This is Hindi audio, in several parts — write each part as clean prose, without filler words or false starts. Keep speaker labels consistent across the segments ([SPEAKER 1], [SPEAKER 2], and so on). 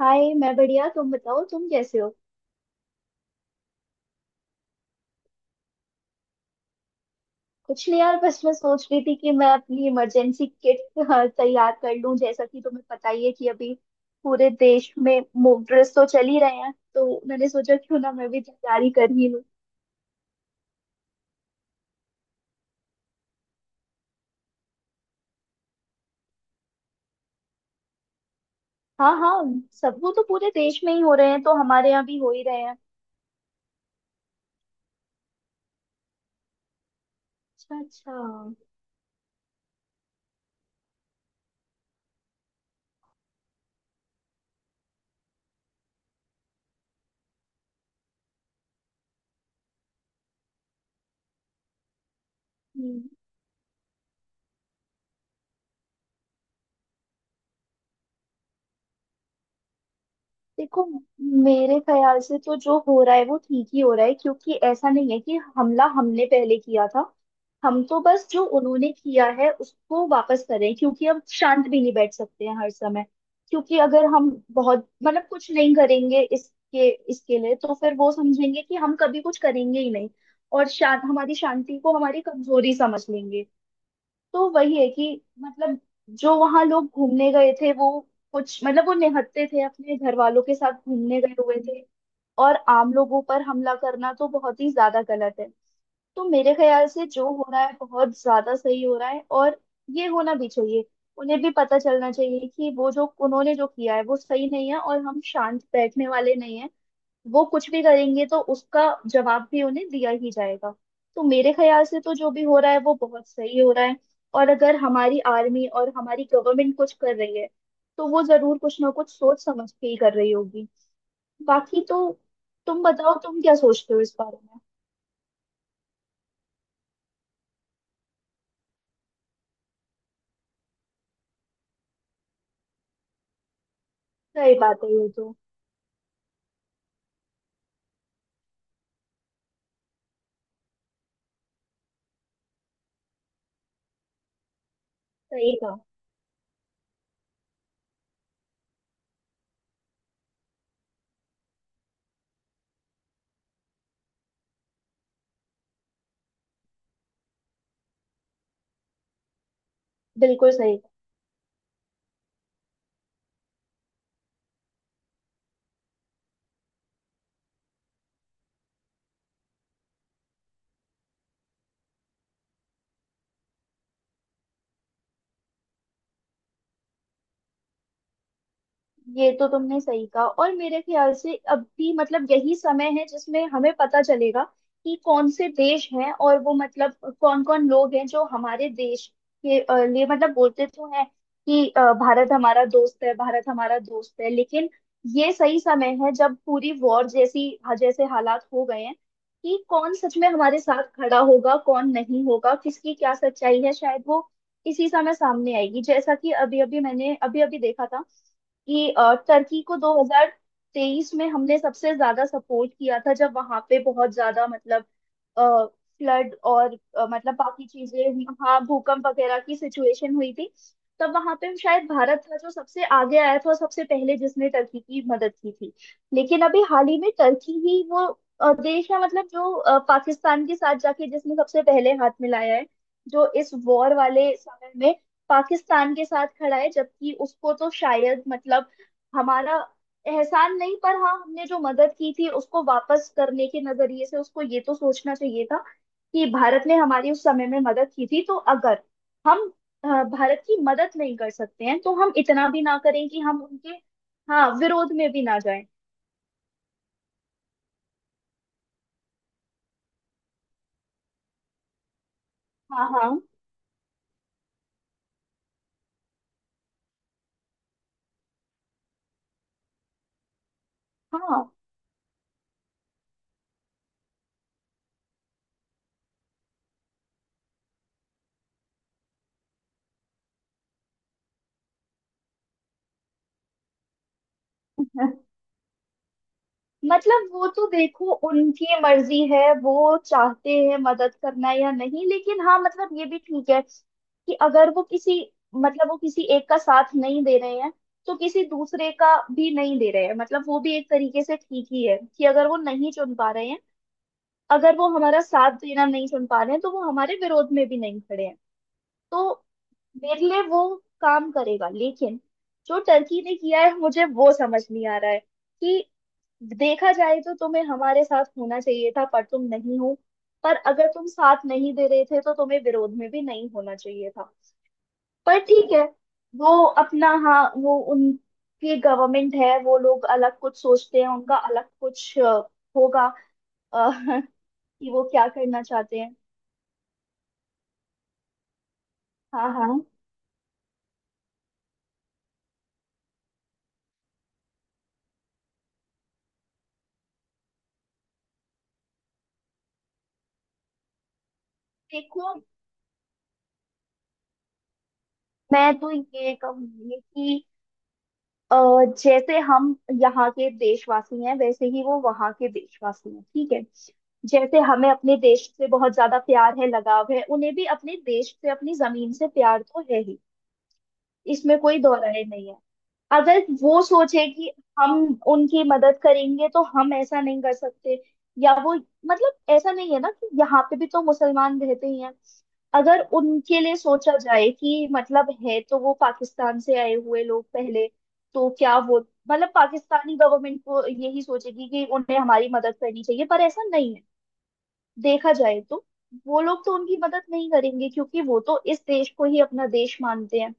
[SPEAKER 1] हाय, मैं बढ़िया। तुम बताओ, तुम कैसे हो? कुछ नहीं यार, बस मैं सोच रही थी कि मैं अपनी इमरजेंसी किट तैयार कर लूं। जैसा कि तुम्हें पता ही है कि अभी पूरे देश में मॉक ड्रिल्स तो चल ही रहे हैं, तो मैंने सोचा क्यों ना मैं भी तैयारी कर ही लूं। हाँ, हाँ, सब... वो तो पूरे देश में ही हो रहे हैं तो हमारे यहाँ भी हो ही रहे हैं। अच्छा, अच्छा। हम्म देखो, मेरे ख्याल से तो जो हो रहा है वो ठीक ही हो रहा है, क्योंकि ऐसा नहीं है कि हमला हमने पहले किया था। हम तो बस जो उन्होंने किया है उसको वापस करें, क्योंकि हम शांत भी नहीं बैठ सकते हैं हर समय। क्योंकि अगर हम बहुत, मतलब, कुछ नहीं करेंगे इसके इसके लिए तो फिर वो समझेंगे कि हम कभी कुछ करेंगे ही नहीं। और शांत, हमारी शांति को हमारी कमजोरी समझ लेंगे। तो वही है कि, मतलब, जो वहां लोग घूमने गए थे वो कुछ, मतलब, वो निहत्थे थे, अपने घर वालों के साथ घूमने गए हुए थे। और आम लोगों पर हमला करना तो बहुत ही ज्यादा गलत है। तो मेरे ख्याल से जो हो रहा है बहुत ज्यादा सही हो रहा है, और ये होना भी चाहिए। उन्हें भी पता चलना चाहिए कि वो जो उन्होंने जो किया है वो सही नहीं है, और हम शांत बैठने वाले नहीं हैं। वो कुछ भी करेंगे तो उसका जवाब भी उन्हें दिया ही जाएगा। तो मेरे ख्याल से तो जो भी हो रहा है वो बहुत सही हो रहा है। और अगर हमारी आर्मी और हमारी गवर्नमेंट कुछ कर रही है, तो वो जरूर कुछ ना कुछ सोच समझ के ही कर रही होगी। बाकी तो... तुम बताओ, तुम क्या सोचते हो इस बारे में? सही बात है ये तो। सही कहा। बिल्कुल सही। ये तो तुमने सही कहा, और मेरे ख्याल से अब भी, मतलब, यही समय है जिसमें हमें पता चलेगा कि कौन से देश हैं, और वो, मतलब, कौन कौन लोग हैं जो हमारे देश के लिए, मतलब, बोलते तो हैं कि, भारत हमारा दोस्त है, भारत हमारा दोस्त है, लेकिन ये सही समय है जब पूरी वॉर जैसी, हाँ, जैसे हालात हो गए हैं कि कौन सच में हमारे साथ खड़ा होगा, कौन नहीं होगा, किसकी क्या सच्चाई है शायद वो इसी समय सामने आएगी। जैसा कि अभी अभी मैंने अभी अभी देखा था कि टर्की को 2023 में हमने सबसे ज्यादा सपोर्ट किया था, जब वहां पे बहुत ज्यादा, मतलब, फ्लड और मतलब बाकी चीजें हुई, हाँ, भूकंप वगैरह की सिचुएशन हुई थी। तब वहां पे शायद भारत था जो सबसे आगे आया था और सबसे पहले जिसने टर्की की मदद की थी। लेकिन अभी हाल ही में टर्की ही वो देश है, मतलब जो पाकिस्तान के साथ जाके जिसने सबसे पहले हाथ मिलाया है। जो इस वॉर वाले समय पाकिस्तान के साथ खड़ा है, जबकि उसको तो शायद, मतलब, हमारा एहसान नहीं, पर हाँ, हमने जो मदद की थी उसको वापस करने के नजरिए से उसको ये तो सोचना चाहिए था कि भारत ने हमारी उस समय में मदद की थी, तो अगर हम भारत की मदद नहीं कर सकते हैं तो हम इतना भी ना करें कि हम उनके, हाँ, विरोध में भी ना जाएं। हाँ, हाँ, हाँ। मतलब वो तो देखो, उनकी मर्जी है, वो चाहते हैं मदद करना या नहीं, लेकिन हाँ, मतलब ये भी ठीक है कि अगर वो किसी, मतलब वो किसी एक का साथ नहीं दे रहे हैं तो किसी दूसरे का भी नहीं दे रहे हैं, मतलब वो भी एक तरीके से ठीक ही है कि अगर वो नहीं चुन पा रहे हैं, अगर वो हमारा साथ देना नहीं चुन पा रहे हैं तो वो हमारे विरोध में भी नहीं खड़े हैं। तो मेरे लिए वो काम करेगा, लेकिन जो टर्की ने किया है मुझे वो समझ नहीं आ रहा है। देखा जाए तो तुम्हें हमारे साथ होना चाहिए था पर तुम नहीं हो। पर अगर तुम साथ नहीं दे रहे थे तो तुम्हें विरोध में भी नहीं होना चाहिए था। पर ठीक है, वो अपना, हाँ, वो उनकी गवर्नमेंट है, वो लोग अलग कुछ सोचते हैं, उनका अलग कुछ होगा, अ, कि वो क्या करना चाहते हैं। हाँ, हाँ। देखो, मैं तो ये कहूंगी कि अ, जैसे हम यहाँ के देशवासी हैं वैसे ही वो वहाँ के देशवासी हैं, ठीक है। जैसे हमें अपने देश से बहुत ज्यादा प्यार है, लगाव है, उन्हें भी अपने देश से अपनी जमीन से प्यार तो है ही। इसमें कोई दो राय नहीं है। अगर वो सोचे कि हम उनकी मदद करेंगे तो हम ऐसा नहीं कर सकते, या वो, मतलब, ऐसा नहीं है ना कि यहाँ पे भी तो मुसलमान रहते ही हैं। अगर उनके लिए सोचा जाए कि, मतलब, है तो वो पाकिस्तान से आए हुए लोग पहले, तो क्या वो, मतलब, पाकिस्तानी गवर्नमेंट को यही सोचेगी कि उन्हें हमारी मदद करनी चाहिए, पर ऐसा नहीं है। देखा जाए तो वो लोग तो उनकी मदद नहीं करेंगे, क्योंकि वो तो इस देश को ही अपना देश मानते हैं।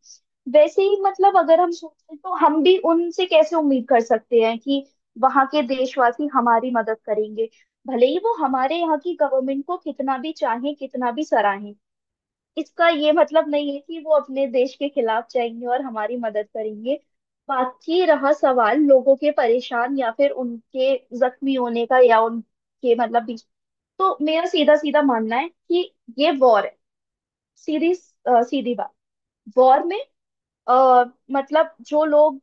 [SPEAKER 1] वैसे ही, मतलब, अगर हम सोचें तो हम भी उनसे कैसे उम्मीद कर सकते हैं कि वहां के देशवासी हमारी मदद करेंगे। भले ही वो हमारे यहाँ की गवर्नमेंट को कितना भी चाहें, कितना भी सराहें, इसका ये मतलब नहीं है कि वो अपने देश के खिलाफ जाएंगे और हमारी मदद करेंगे। बाकी रहा सवाल लोगों के परेशान या फिर उनके जख्मी होने का, या उनके, मतलब, बीच... तो मेरा सीधा सीधा मानना है कि ये वॉर है। सीधी सीधी बात। वॉर में, आ, मतलब जो लोग,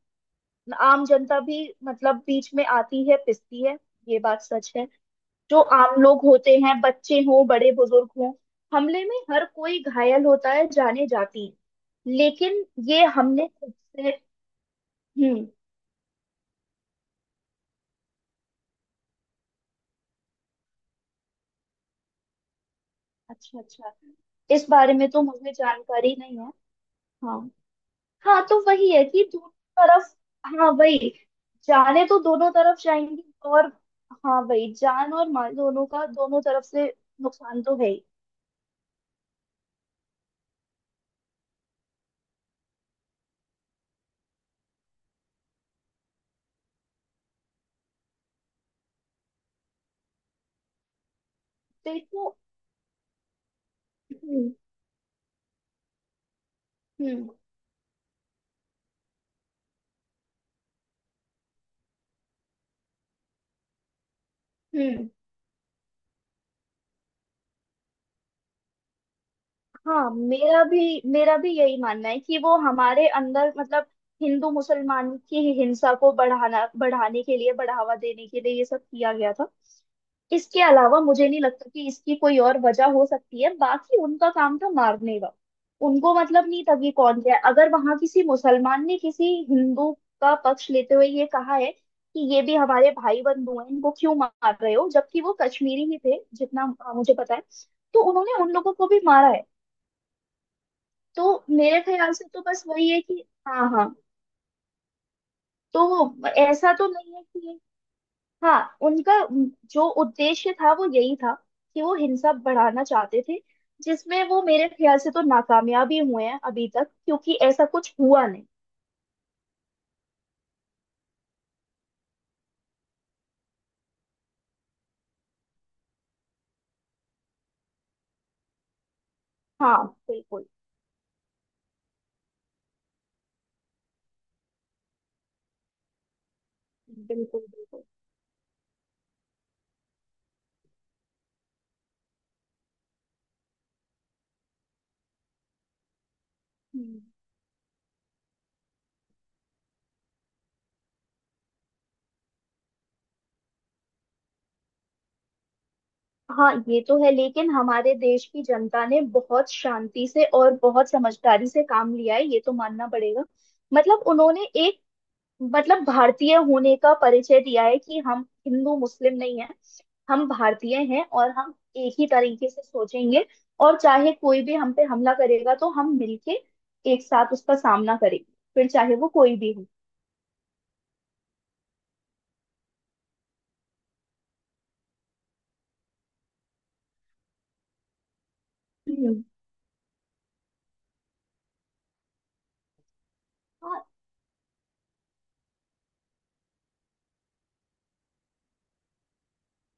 [SPEAKER 1] आम जनता भी, मतलब, बीच में आती है, पिसती है। ये बात सच है। जो आम लोग होते हैं, बच्चे हों, बड़े बुजुर्ग हों, हमले में हर कोई घायल होता है, जाने जाती। लेकिन ये हमने खुद से... हम्म। अच्छा, अच्छा। इस बारे में तो मुझे जानकारी नहीं है। हाँ, हाँ। तो वही है कि दोनों तरफ, हाँ वही, जाने तो दोनों तरफ जाएंगी। और हाँ वही, जान और माल दोनों का दोनों तरफ से नुकसान तो है ही। देखो, हम्म, हम्म, हम्म, हाँ, मेरा भी यही मानना है कि वो हमारे अंदर, मतलब, हिंदू मुसलमान की हिंसा को बढ़ाना, बढ़ाने के लिए, बढ़ावा देने के लिए ये सब किया गया था। इसके अलावा मुझे नहीं लगता कि इसकी कोई और वजह हो सकती है, बाकी उनका काम था मारने का। उनको मतलब नहीं था कि कौन क्या है। अगर वहां किसी मुसलमान ने किसी हिंदू का पक्ष लेते हुए ये कहा है कि ये भी हमारे भाई बंधु हैं, इनको क्यों मार रहे हो, जबकि वो कश्मीरी ही थे, जितना मुझे पता है, तो उन्होंने उन लोगों को भी मारा है। तो मेरे ख्याल से तो बस वही है कि, हाँ, हाँ। तो वो ऐसा तो नहीं है कि... हाँ, उनका जो उद्देश्य था वो यही था कि वो हिंसा बढ़ाना चाहते थे, जिसमें वो मेरे ख्याल से तो नाकामयाब ही हुए हैं अभी तक, क्योंकि ऐसा कुछ हुआ नहीं। हाँ, बिल्कुल, बिल्कुल, बिल्कुल। हम्म। हाँ, ये तो है, लेकिन हमारे देश की जनता ने बहुत शांति से और बहुत समझदारी से काम लिया है, ये तो मानना पड़ेगा। मतलब उन्होंने एक, मतलब, भारतीय होने का परिचय दिया है कि हम हिंदू मुस्लिम नहीं है, हम भारतीय हैं और हम एक ही तरीके से सोचेंगे। और चाहे कोई भी हम पे हमला करेगा तो हम मिलके एक साथ उसका सामना करेंगे, फिर चाहे वो कोई भी हो। हम्म।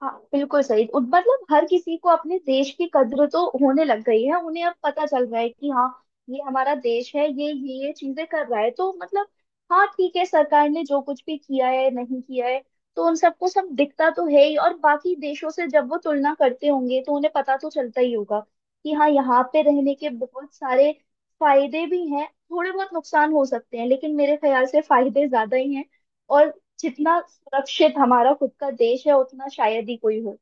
[SPEAKER 1] हाँ, बिल्कुल सही। मतलब हर किसी को अपने देश की कद्र तो होने लग गई है, उन्हें अब पता चल रहा है कि हाँ, ये हमारा देश है, ये चीजें कर रहा है, तो मतलब, हाँ ठीक है, सरकार ने जो कुछ भी किया है नहीं किया है, तो उन सबको सब दिखता तो है ही, और बाकी देशों से जब वो तुलना करते होंगे तो उन्हें पता तो चलता ही होगा कि हाँ, यहाँ पे रहने के बहुत सारे फायदे भी हैं। थोड़े बहुत नुकसान हो सकते हैं, लेकिन मेरे ख्याल से फायदे ज्यादा ही हैं। और जितना सुरक्षित हमारा खुद का देश है, उतना शायद ही कोई हो।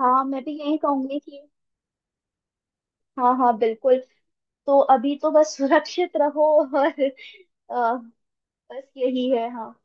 [SPEAKER 1] हाँ, मैं भी यही कहूंगी कि... हाँ, हाँ, बिल्कुल। तो अभी तो बस सुरक्षित रहो, और अ, बस यही है, हाँ।